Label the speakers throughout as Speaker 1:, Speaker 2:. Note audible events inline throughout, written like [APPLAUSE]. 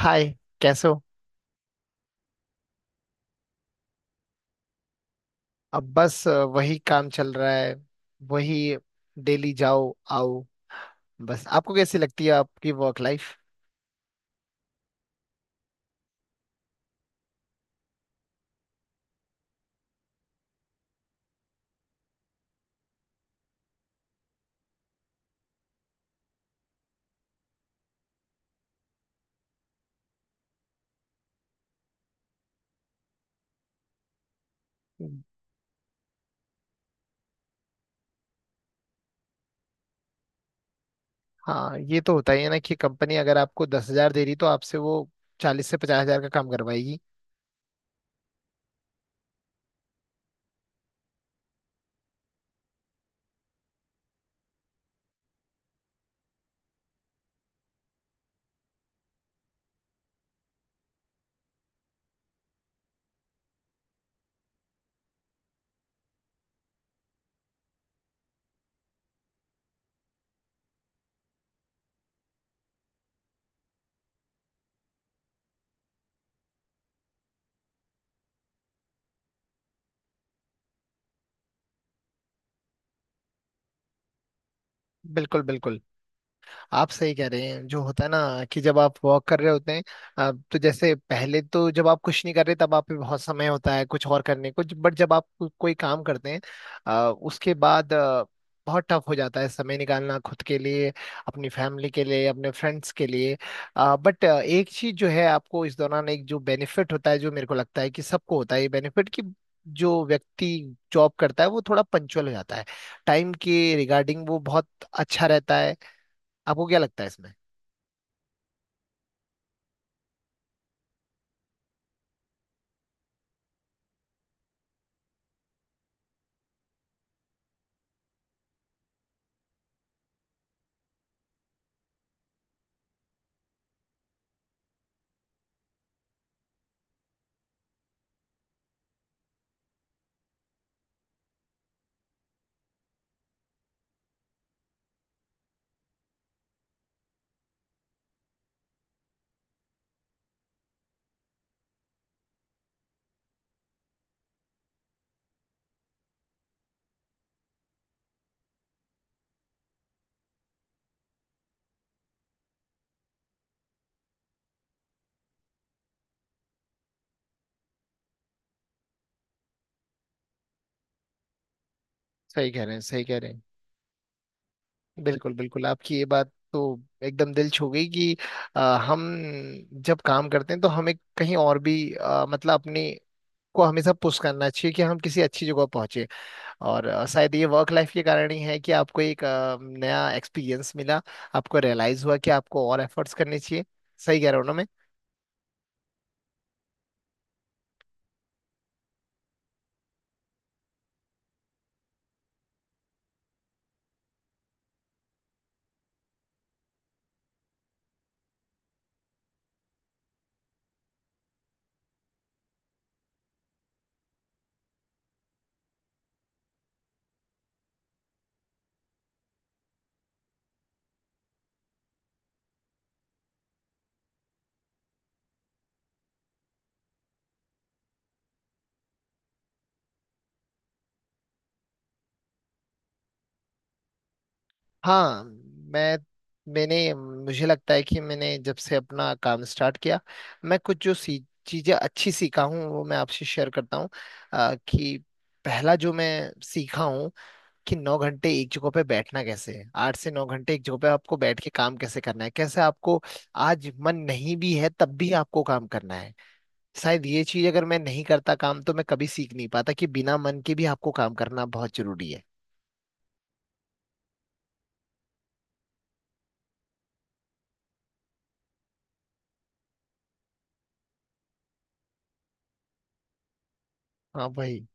Speaker 1: हाय। कैसे हो? अब बस वही काम चल रहा है। वही। डेली जाओ आओ। बस, आपको कैसी लगती है आपकी वर्क लाइफ? हाँ, ये तो होता ही है ना कि कंपनी अगर आपको 10 हजार दे रही तो आपसे वो 40 से 50 हजार का काम करवाएगी। बिल्कुल बिल्कुल। आप सही कह रहे हैं, जो होता है ना कि जब आप वॉक कर रहे होते हैं, तो जैसे पहले तो जब आप कुछ नहीं कर रहे तब आप पे बहुत समय होता है कुछ और करने को, बट जब कोई काम करते हैं उसके बाद बहुत टफ हो जाता है समय निकालना खुद के लिए, अपनी फैमिली के लिए, अपने फ्रेंड्स के लिए। बट एक चीज जो है, आपको इस दौरान एक जो बेनिफिट होता है जो मेरे को लगता है कि सबको होता है ये बेनिफिट कि जो व्यक्ति जॉब करता है वो थोड़ा पंचुअल हो जाता है। टाइम के रिगार्डिंग वो बहुत अच्छा रहता है। आपको क्या लगता है इसमें? सही कह रहे हैं, सही कह रहे हैं। बिल्कुल बिल्कुल। आपकी ये बात तो एकदम दिल छू गई कि हम जब काम करते हैं तो हमें कहीं और भी मतलब अपने को हमेशा पुश करना चाहिए कि हम किसी अच्छी जगह पहुंचे। और शायद ये वर्क लाइफ के कारण ही है कि आपको एक नया एक्सपीरियंस मिला। आपको रियलाइज हुआ कि आपको और एफर्ट्स करने चाहिए। सही कह रहे हो ना मैं? हाँ। मैं मैंने मुझे लगता है कि मैंने जब से अपना काम स्टार्ट किया, मैं कुछ जो सी चीज़ें अच्छी सीखा हूँ वो मैं आपसे शेयर करता हूँ। कि पहला जो मैं सीखा हूँ कि 9 घंटे एक जगह पे बैठना कैसे है, 8 से 9 घंटे एक जगह पे आपको बैठ के काम कैसे करना है, कैसे आपको आज मन नहीं भी है तब भी आपको काम करना है। शायद ये चीज़ अगर मैं नहीं करता काम तो मैं कभी सीख नहीं पाता कि बिना मन के भी आपको काम करना बहुत जरूरी है। हाँ भाई।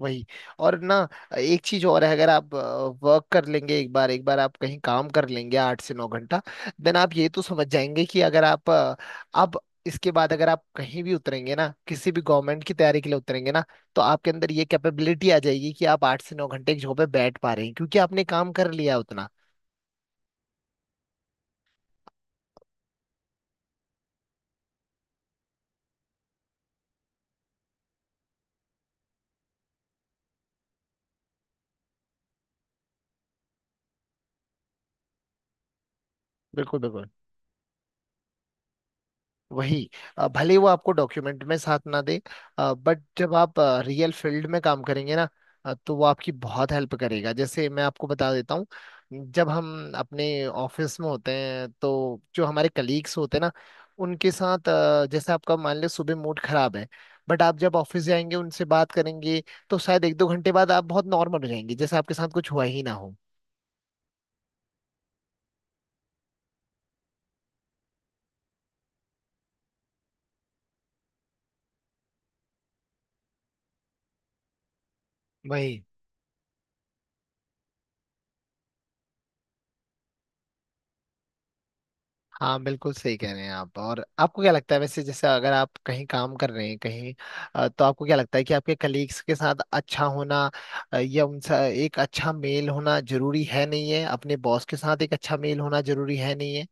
Speaker 1: वही। और ना, एक चीज और है। अगर आप वर्क कर लेंगे, एक बार आप कहीं काम कर लेंगे 8 से 9 घंटा, देन आप ये तो समझ जाएंगे कि अगर आप अब इसके बाद अगर आप कहीं भी उतरेंगे ना, किसी भी गवर्नमेंट की तैयारी के लिए उतरेंगे ना, तो आपके अंदर ये कैपेबिलिटी आ जाएगी कि आप 8 से 9 घंटे एक जगह पे बैठ पा रहे हैं क्योंकि आपने काम कर लिया उतना। बिल्कुल बिल्कुल। वही। भले ही वो आपको डॉक्यूमेंट में साथ ना दे, बट जब आप रियल फील्ड में काम करेंगे ना, तो वो आपकी बहुत हेल्प करेगा। जैसे मैं आपको बता देता हूँ, जब हम अपने ऑफिस में होते हैं तो जो हमारे कलीग्स होते हैं ना, उनके साथ जैसे आपका मान लो सुबह मूड खराब है, बट आप जब ऑफिस जाएंगे उनसे बात करेंगे, तो शायद एक दो घंटे बाद आप बहुत नॉर्मल हो जाएंगे जैसे आपके साथ कुछ हुआ ही ना हो। हाँ बिल्कुल सही कह रहे हैं आप। और आपको क्या लगता है वैसे, जैसे अगर आप कहीं काम कर रहे हैं कहीं, तो आपको क्या लगता है कि आपके कलीग्स के साथ अच्छा होना, या उनसे एक अच्छा मेल होना जरूरी है नहीं है? अपने बॉस के साथ एक अच्छा मेल होना जरूरी है नहीं है?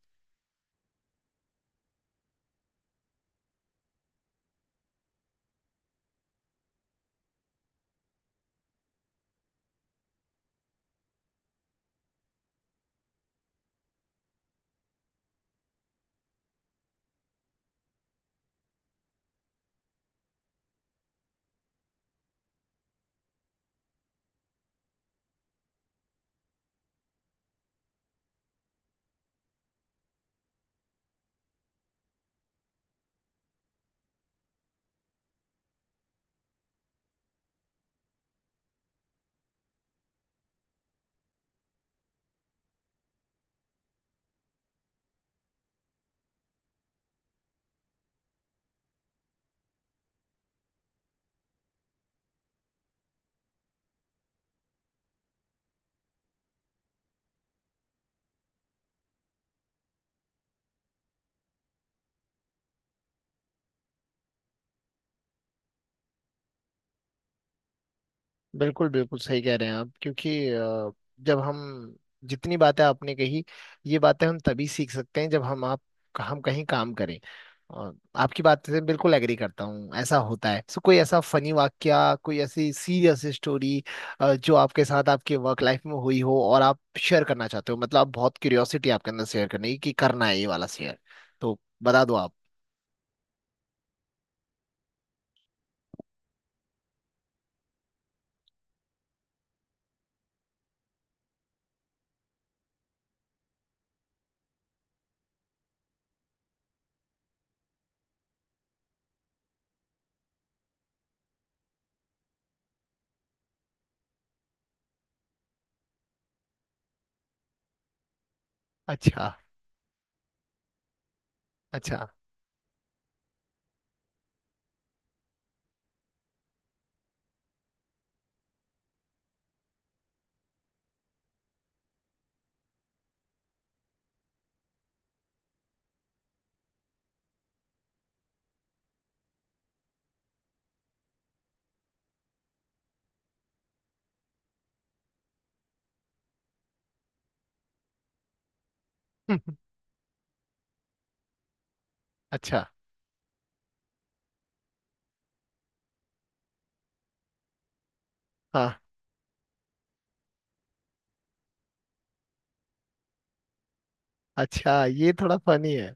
Speaker 1: बिल्कुल बिल्कुल सही कह रहे हैं आप क्योंकि जब हम जितनी बातें आपने कही, ये बातें हम तभी सीख सकते हैं जब हम कहीं काम करें। और आपकी बात से बिल्कुल एग्री करता हूँ, ऐसा होता है। सो कोई ऐसा फनी वाक्या, कोई ऐसी सीरियस स्टोरी जो आपके साथ आपके वर्क लाइफ में हुई हो और आप शेयर करना चाहते हो, मतलब आप बहुत क्यूरियोसिटी आपके अंदर शेयर करने की कि करना है ये वाला शेयर, तो बता दो आप। अच्छा। अच्छा। [LAUGHS] अच्छा। हाँ। अच्छा, ये थोड़ा फनी है।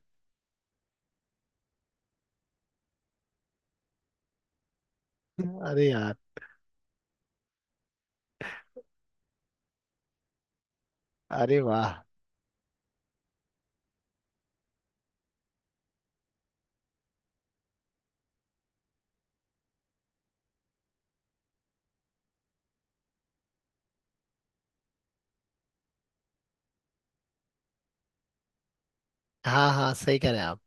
Speaker 1: अरे यार। अरे वाह। हाँ हाँ सही कह रहे हैं आप।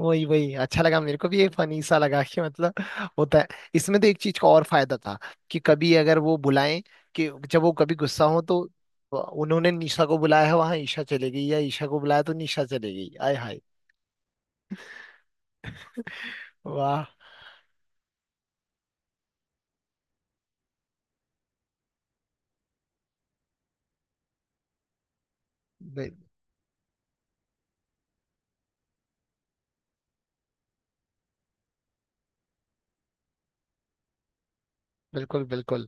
Speaker 1: वही वही। अच्छा लगा मेरे को भी, ये फनी सा लगा कि मतलब होता है। इसमें तो एक चीज का और फायदा था कि कभी अगर वो बुलाएं, कि जब वो कभी गुस्सा हो तो उन्होंने निशा को बुलाया है वहां ईशा चले गई, या ईशा को बुलाया तो निशा चले गई। आय हाय। वाह। बिल्कुल बिल्कुल।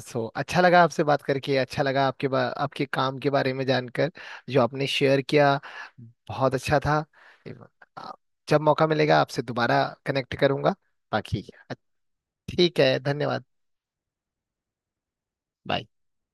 Speaker 1: सो अच्छा लगा आपसे बात करके, अच्छा लगा आपके आपके काम के बारे में जानकर जो आपने शेयर किया। बहुत अच्छा था। आ, जब मौका मिलेगा आपसे दोबारा कनेक्ट करूंगा। बाकी ठीक है। धन्यवाद। बाय।